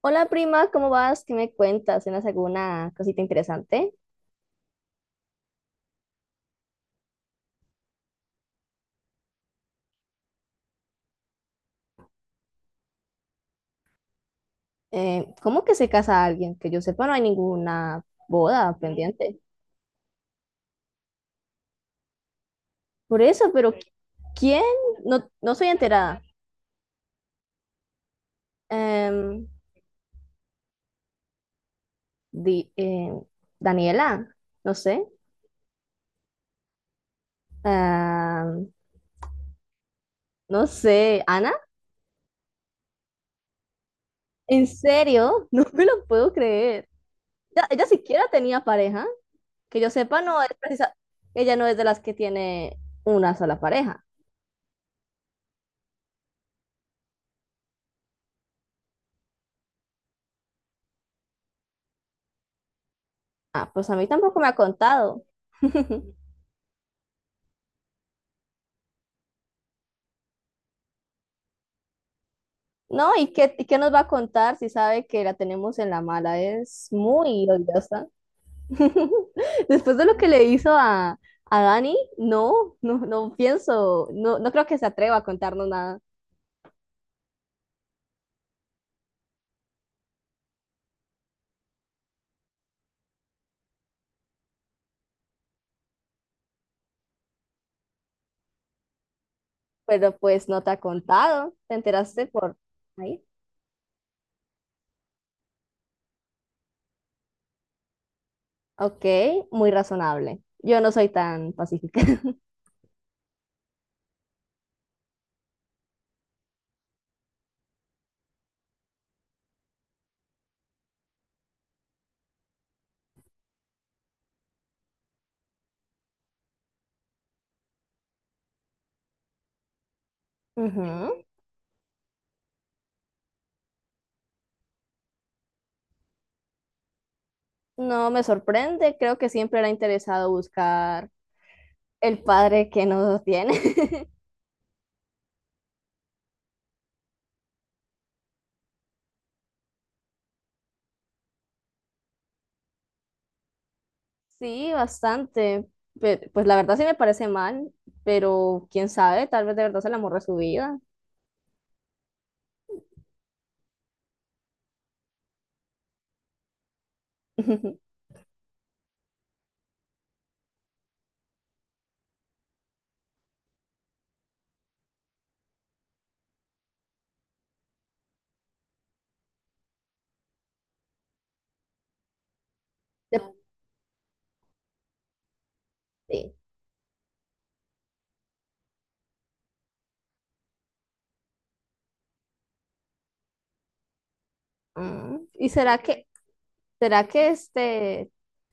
Hola prima, ¿cómo vas? ¿Qué me cuentas? ¿Tienes alguna cosita interesante? ¿Cómo que se casa alguien? Que yo sepa, no hay ninguna boda pendiente. Por eso, pero ¿quién? No, no soy enterada. Em, di- em, Daniela, no sé. Am, no sé, Ana, ¿en serio? No me lo puedo creer. Ella, siquiera tenía pareja. Que yo sepa, no es precisa. Ella no es de las que tiene una sola pareja. Ah, pues a mí tampoco me ha contado. No, ¿y qué nos va a contar si sabe que la tenemos en la mala? Es muy odiosa. Después de lo que le hizo a Dani, no, no, no pienso, no, no creo que se atreva a contarnos nada. Pero pues no te ha contado, te enteraste por ahí. Ok, muy razonable. Yo no soy tan pacífica. Ujú. No me sorprende, creo que siempre era interesado buscar el padre que no tiene. Sí, bastante. Pues la verdad sí me parece mal, pero quién sabe, tal vez de verdad se el amor de su vida. De- sí. Ah, ¿y será que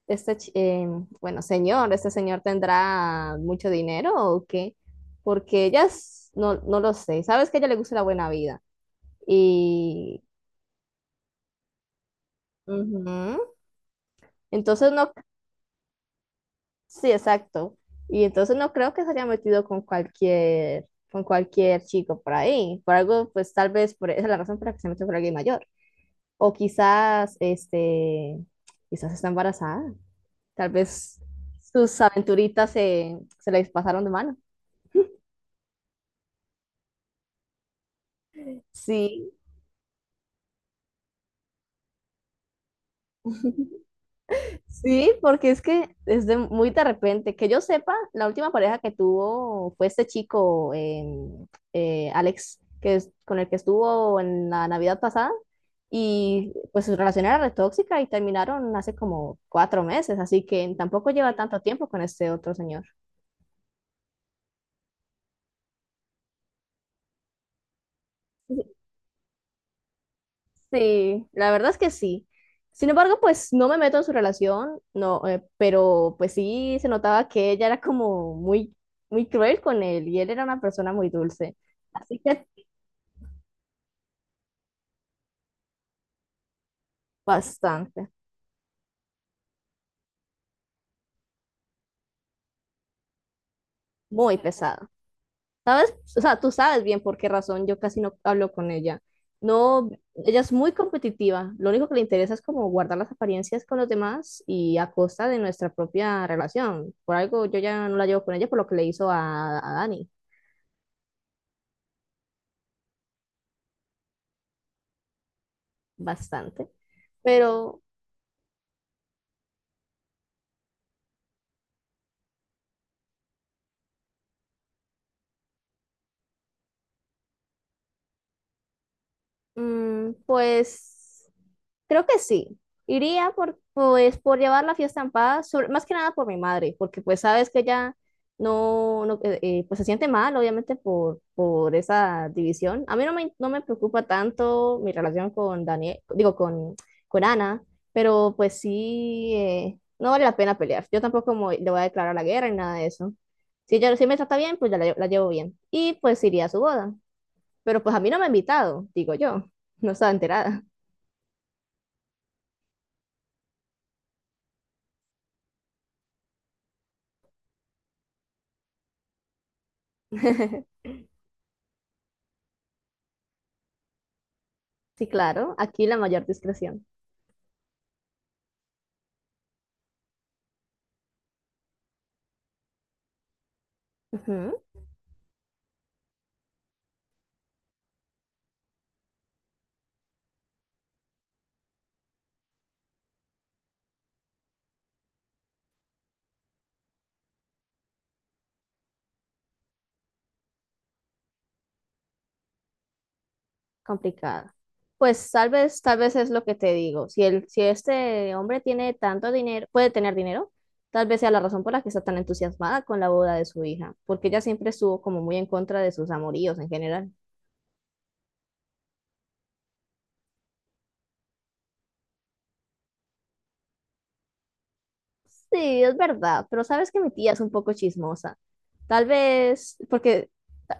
este, chi- eh, este señor tendrá mucho dinero o qué? Porque no, no lo sé. Sabes que a ella le gusta la buena vida. Y ujú. Entonces no Sí, exacto. Y entonces no creo que se haya metido con cualquier chico por ahí. Por algo, pues tal vez por esa es la razón por la que se metió con alguien mayor. O quizás, este, quizás está embarazada. Tal vez sus aventuritas se les pasaron de mano. Sí, Sí, porque es que es de muy de repente. Que yo sepa, la última pareja que tuvo fue este chico, Alex, que es, con el que estuvo en la Navidad pasada. Y pues su relación era retóxica y terminaron hace como cuatro meses, así que tampoco lleva tanto tiempo con este otro señor. Sí, la verdad es que sí. Sin embargo, pues no me meto en su relación, no, pero pues sí se notaba que ella era como muy, muy cruel con él y él era una persona muy dulce. Así que bastante, muy pesado. ¿Sabes? O sea, tú sabes bien por qué razón yo casi no hablo con ella. No, ella es muy competitiva. Lo único que le interesa es como guardar las apariencias con los demás y a costa de nuestra propia relación. Por algo yo ya no la llevo con ella por lo que le hizo a Dani. Bastante, pero pues creo que sí. Iría por, pues, por llevar la fiesta en paz, más que nada por mi madre, porque pues sabes que ella no, no, pues se siente mal, obviamente, por esa división. A mí no me preocupa tanto mi relación con Daniel, digo, con Ana, pero pues sí, no vale la pena pelear. Yo tampoco me le voy a declarar la guerra ni nada de eso. Si ella si me trata bien, pues ya la llevo bien. Y pues iría a su boda. Pero pues a mí no me ha invitado, digo yo. No estaba enterada. Sí, claro, aquí la mayor discreción. Ujú. Complicado. Pues tal vez es lo que te digo. Si el, si este hombre tiene tanto dinero, puede tener dinero, tal vez sea la razón por la que está tan entusiasmada con la boda de su hija, porque ella siempre estuvo como muy en contra de sus amoríos en general. Sí, es verdad, pero sabes que mi tía es un poco chismosa. Tal vez, porque,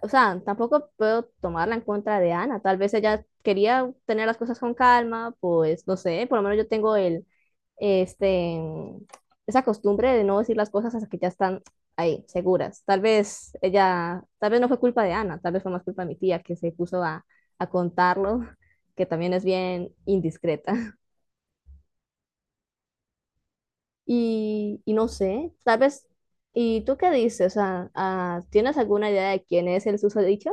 o sea, tampoco puedo tomarla en contra de Ana. Tal vez ella quería tener las cosas con calma, pues no sé, por lo menos yo tengo el, este, esa costumbre de no decir las cosas hasta que ya están ahí, seguras. Tal vez ella, tal vez no fue culpa de Ana, tal vez fue más culpa de mi tía que se puso a contarlo, que también es bien indiscreta. Y no sé, tal vez, ¿y tú qué dices? O sea, ah, ¿tienes alguna idea de quién es el susodicho?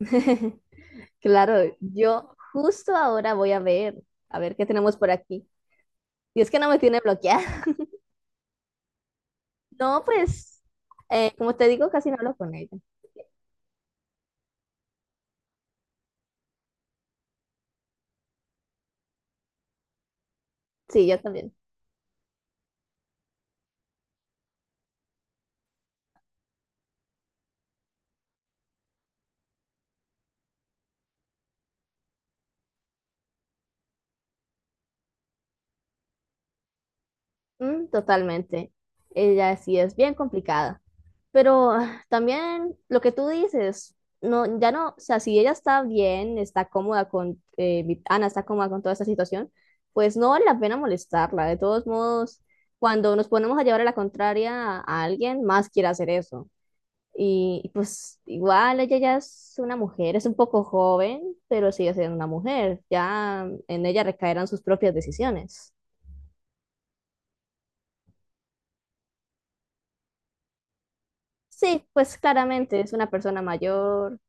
Claro, yo justo ahora voy a ver qué tenemos por aquí. Y es que no me tiene bloqueada. No, pues, como te digo, casi no hablo con ella. Sí, yo también. Mm, totalmente. Ella sí es bien complicada. Pero ah, también lo que tú dices, no, ya no, o sea, si ella está bien, está cómoda con, Ana está cómoda con toda esta situación, pues no vale la pena molestarla. De todos modos, cuando nos ponemos a llevar a la contraria a alguien, más quiere hacer eso. Y pues igual ella ya es una mujer, es un poco joven, pero sigue siendo una mujer. Ya en ella recaerán sus propias decisiones. Sí, pues claramente es una persona mayor.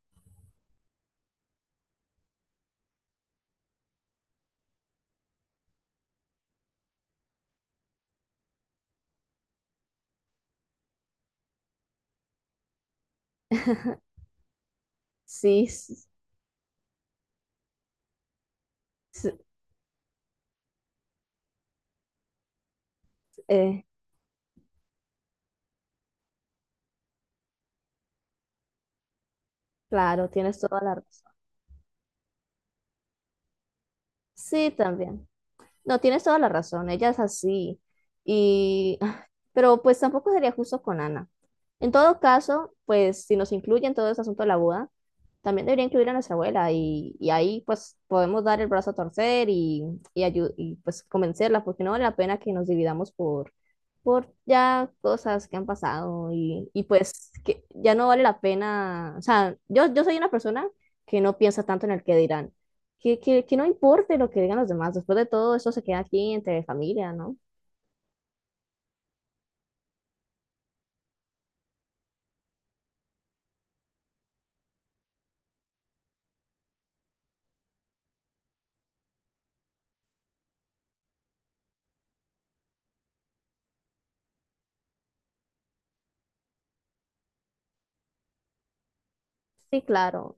Sí, s- eh, claro, tienes toda la razón. Sí, también. No, tienes toda la razón, ella es así. Y, ah, pero pues tampoco sería justo con Ana. En todo caso, pues si nos incluyen todo ese asunto de la boda, también debería incluir a nuestra abuela y ahí pues podemos dar el brazo a torcer y y pues convencerla, porque no vale la pena que nos dividamos por ya cosas que han pasado y pues que ya no vale la pena, o sea, yo soy una persona que no piensa tanto en el que dirán que no importe lo que digan los demás, después de todo eso se queda aquí entre familia, ¿no? Sí, claro,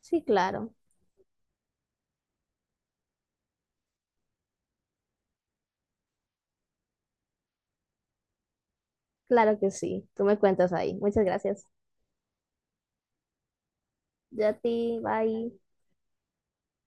sí, claro, claro que sí. Tú me cuentas ahí. Muchas gracias. Ya a ti, bye.